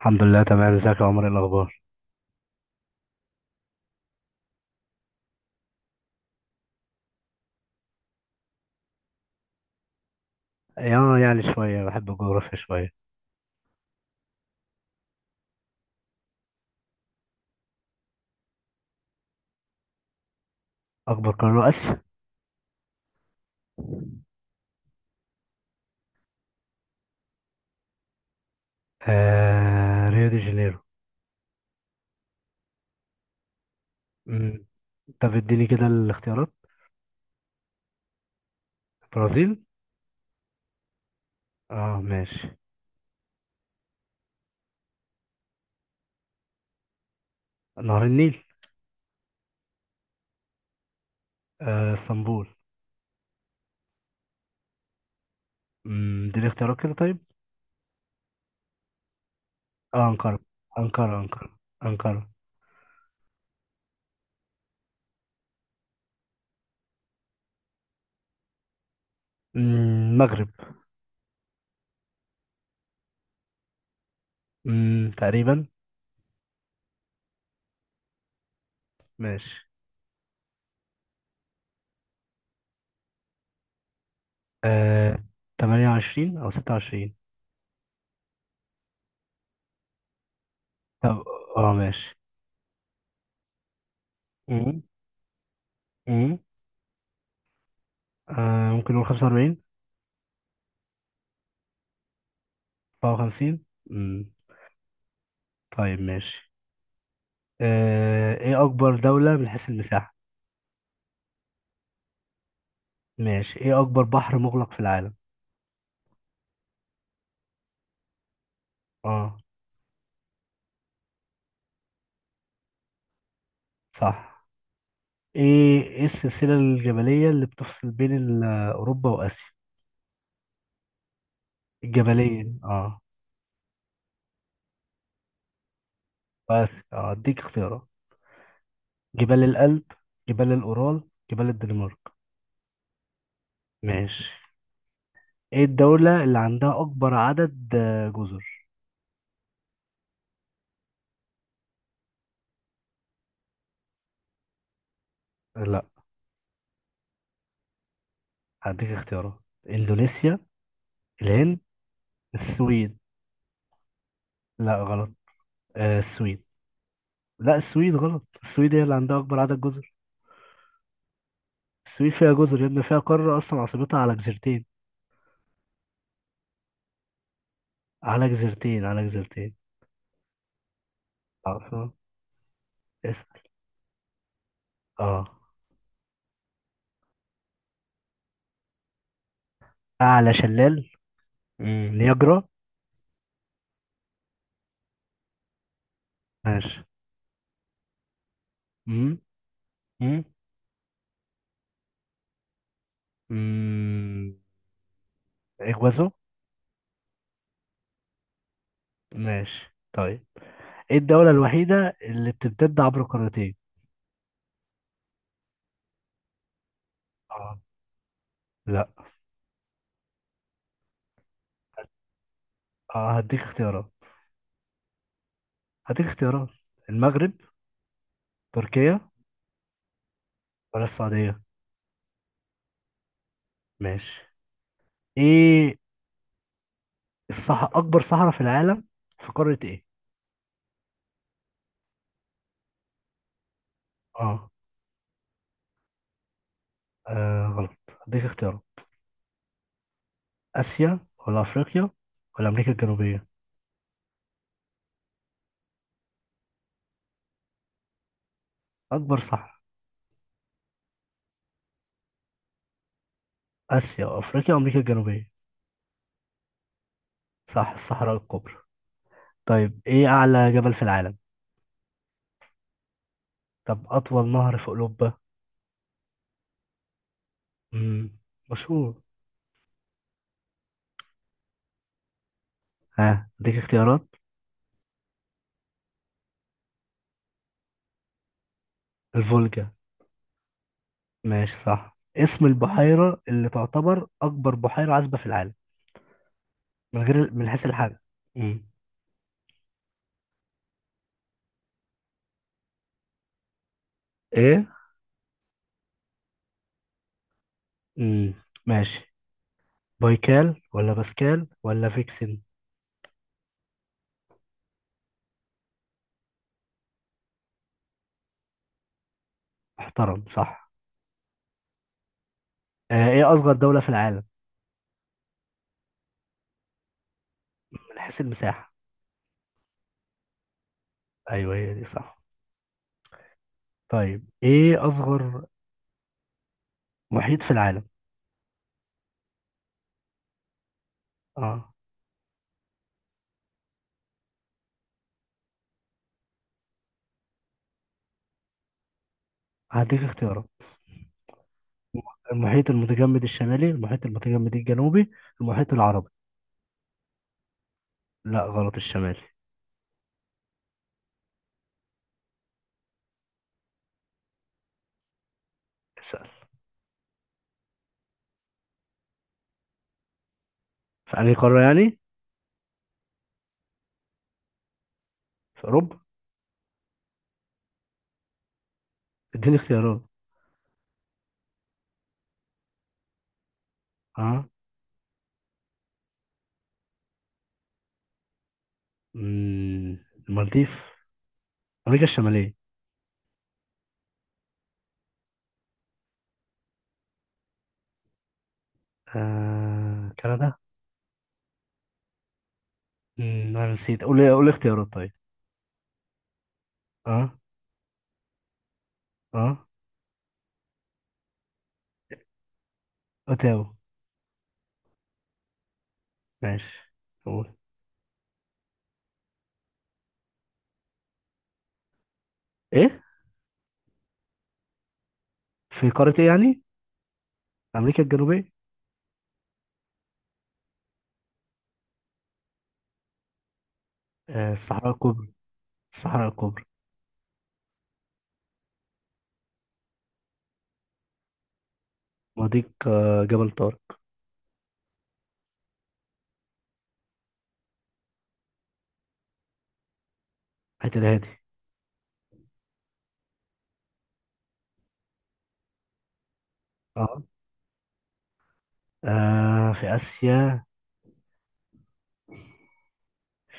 الحمد لله تمام. ازيك يا عمر؟ ايه الاخبار؟ اه يعني شويه بحب الجغرافيا شويه. اكبر قاره اسيا. ريو دي جانيرو. مم. طب اديني كده الاختيارات. برازيل. اه ماشي. نهر النيل. اسطنبول. اديني اختيارات كده طيب. اه انقره. انقره انقره. انقره. المغرب. تقريبا. ماشي. آه 28 او 26. طب اه ماشي. مم، مم، ممكن نقول 45. 54. طيب ماشي. ايه اكبر دولة من حيث المساحة؟ ماشي. ايه اكبر بحر مغلق في العالم؟ اه صح. ايه السلسلة الجبلية اللي بتفصل بين اوروبا واسيا. الجبلية اه. بس اه اديك اختيارات. جبال الألب. جبال الأورال. جبال الدنمارك. ماشي. ايه الدولة اللي عندها اكبر عدد جزر؟ لا. هديك اختيارات. اندونيسيا. الهند. السويد. لا غلط. السويد. لا، السويد غلط. السويد هي اللي عندها اكبر عدد جزر. السويد فيها جزر يا ابني، فيها قارة اصلا، عاصمتها على جزيرتين. على جزيرتين على جزيرتين. عاصمة. اسأل. اه. اعلى شلال. نياجرا. ماشي. امم امم امم اجوازو. ماشي طيب. ايه الدولة الوحيدة اللي بتمتد عبر قارتين؟ اه. لا. اه هديك اختيارات. هديك اختيارات. المغرب. تركيا. ولا السعودية؟ ماشي. ايه اكبر صحراء في العالم؟ في قارة ايه؟ اه. غلط. هديك اختيارات. آسيا ولا أفريقيا ولا أمريكا الجنوبية؟ أكبر صح. آسيا وأفريقيا وأمريكا الجنوبية. صح الصحراء الكبرى. طيب إيه أعلى جبل في العالم؟ طب أطول نهر في أوروبا؟ مم. مشهور. ها أديك اختيارات. الفولجا. ماشي صح. اسم البحيرة اللي تعتبر أكبر بحيرة عذبة في العالم، من غير، من حيث الحجم. مم. إيه. مم. ماشي. بايكال ولا باسكال ولا فيكسن؟ محترم صح. ايه اصغر دولة في العالم من حيث المساحة؟ ايوه هي دي صح. طيب ايه اصغر محيط في العالم؟ اه. هديك اختيارات. المحيط المتجمد الشمالي. المحيط المتجمد الجنوبي. المحيط العربي. لا غلط. الشمالي. اسأل. في انهي قارة يعني؟ في اوروبا. اديني اختيارات. اه. مم، المالديف. امريكا الشمالية. كندا. انا نسيت. قول قول اختيارات طيب. اه اه اوتاوا. ماشي قول. ايه. في قارة ايه يعني؟ أمريكا الجنوبية. الصحراء الكبرى. الصحراء الكبرى. مضيق جبل طارق. حتى الهادي. اه. في آسيا.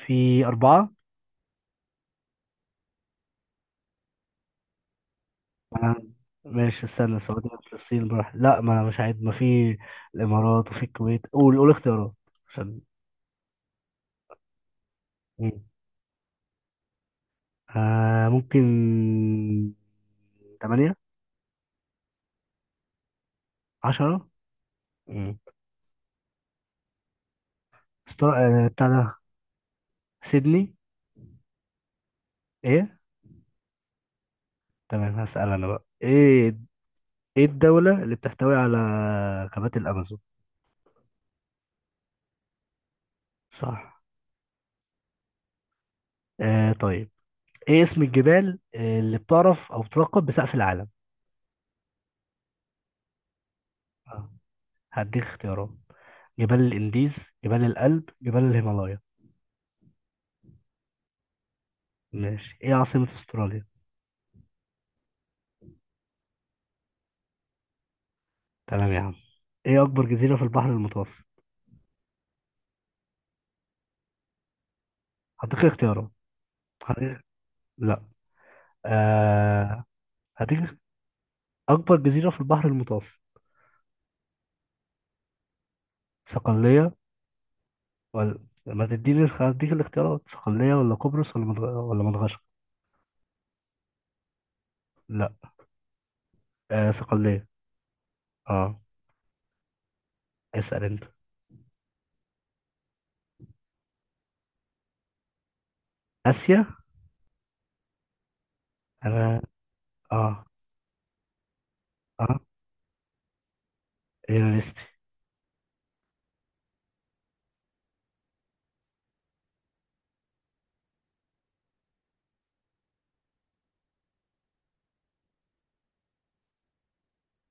في أربعة. آه، ماشي استنى. السعودية، فلسطين براح. لا، ما مش عايز، ما في. الإمارات وفي الكويت. قول قول اختيارات عشان. مم. ممكن تمانية. عشرة. مم. استر... بتاع ده، سيدني. ايه. تمام. هسأل أنا بقى. ايه ايه الدولة اللي بتحتوي على غابات الأمازون؟ صح. طيب. ايه اسم الجبال اللي بتعرف او بتلقب بسقف العالم؟ آه. هديك اختيارات. جبال الانديز. جبال الألب. جبال الهيمالايا. ماشي. ايه عاصمة استراليا؟ تمام يا عم. ايه اكبر جزيرة في البحر المتوسط؟ هديك اختيارات. هديك... لا. آه... هديك اكبر جزيرة في البحر المتوسط. صقلية ولا. ما تديني هديك الاختيارات؟ صقلية ولا قبرص ولا ولا مدغشقر؟ لا. صقلية. اه. اسأل انت. اسيا. انا اه اه هي ليستي.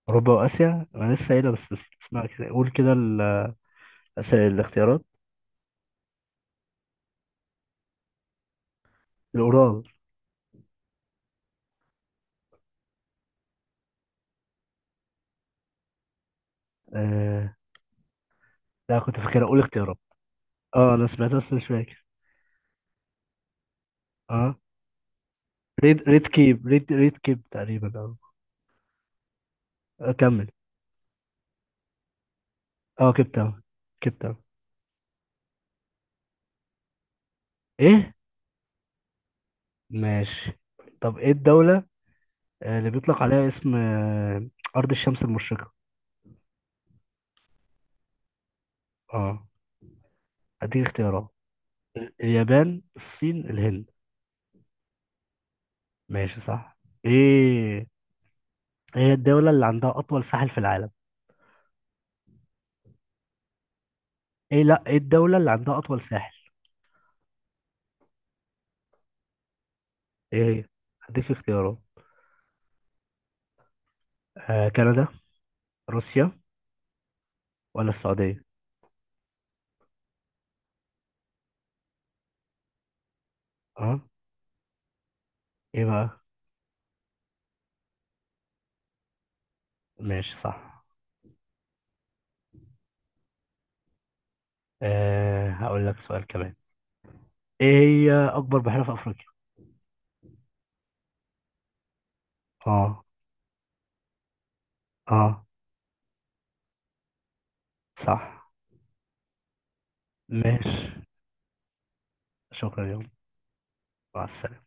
اوروبا واسيا. انا لسه قايلها بس. بس اسمع كده. قول كده الاختيارات. الاورال. آه. لا كنت فاكرها. قول اختيارات. اه انا سمعتها بس مش فاكر. اه ريد ريد كيب. ريد ريد كيب تقريبا اه. كمل. اه كيب تاون. كيب تاون. ايه. ماشي. طب ايه الدولة اللي بيطلق عليها اسم ارض الشمس المشرقة؟ اه. هديك اختيارات. اليابان. الصين. الهند. ماشي صح. ايه ايه هي الدولة اللي عندها أطول ساحل في العالم؟ ايه لا. ايه الدولة اللي عندها أطول ساحل؟ ايه هي؟ هديك اختيارات. كندا. روسيا. ولا السعودية؟ اه. ايه بقى؟ ماشي صح. هقول لك سؤال كمان. ايه هي أكبر بحيرة في أفريقيا؟ اه. اه صح. ماشي. شكرا يا. مع السلامة.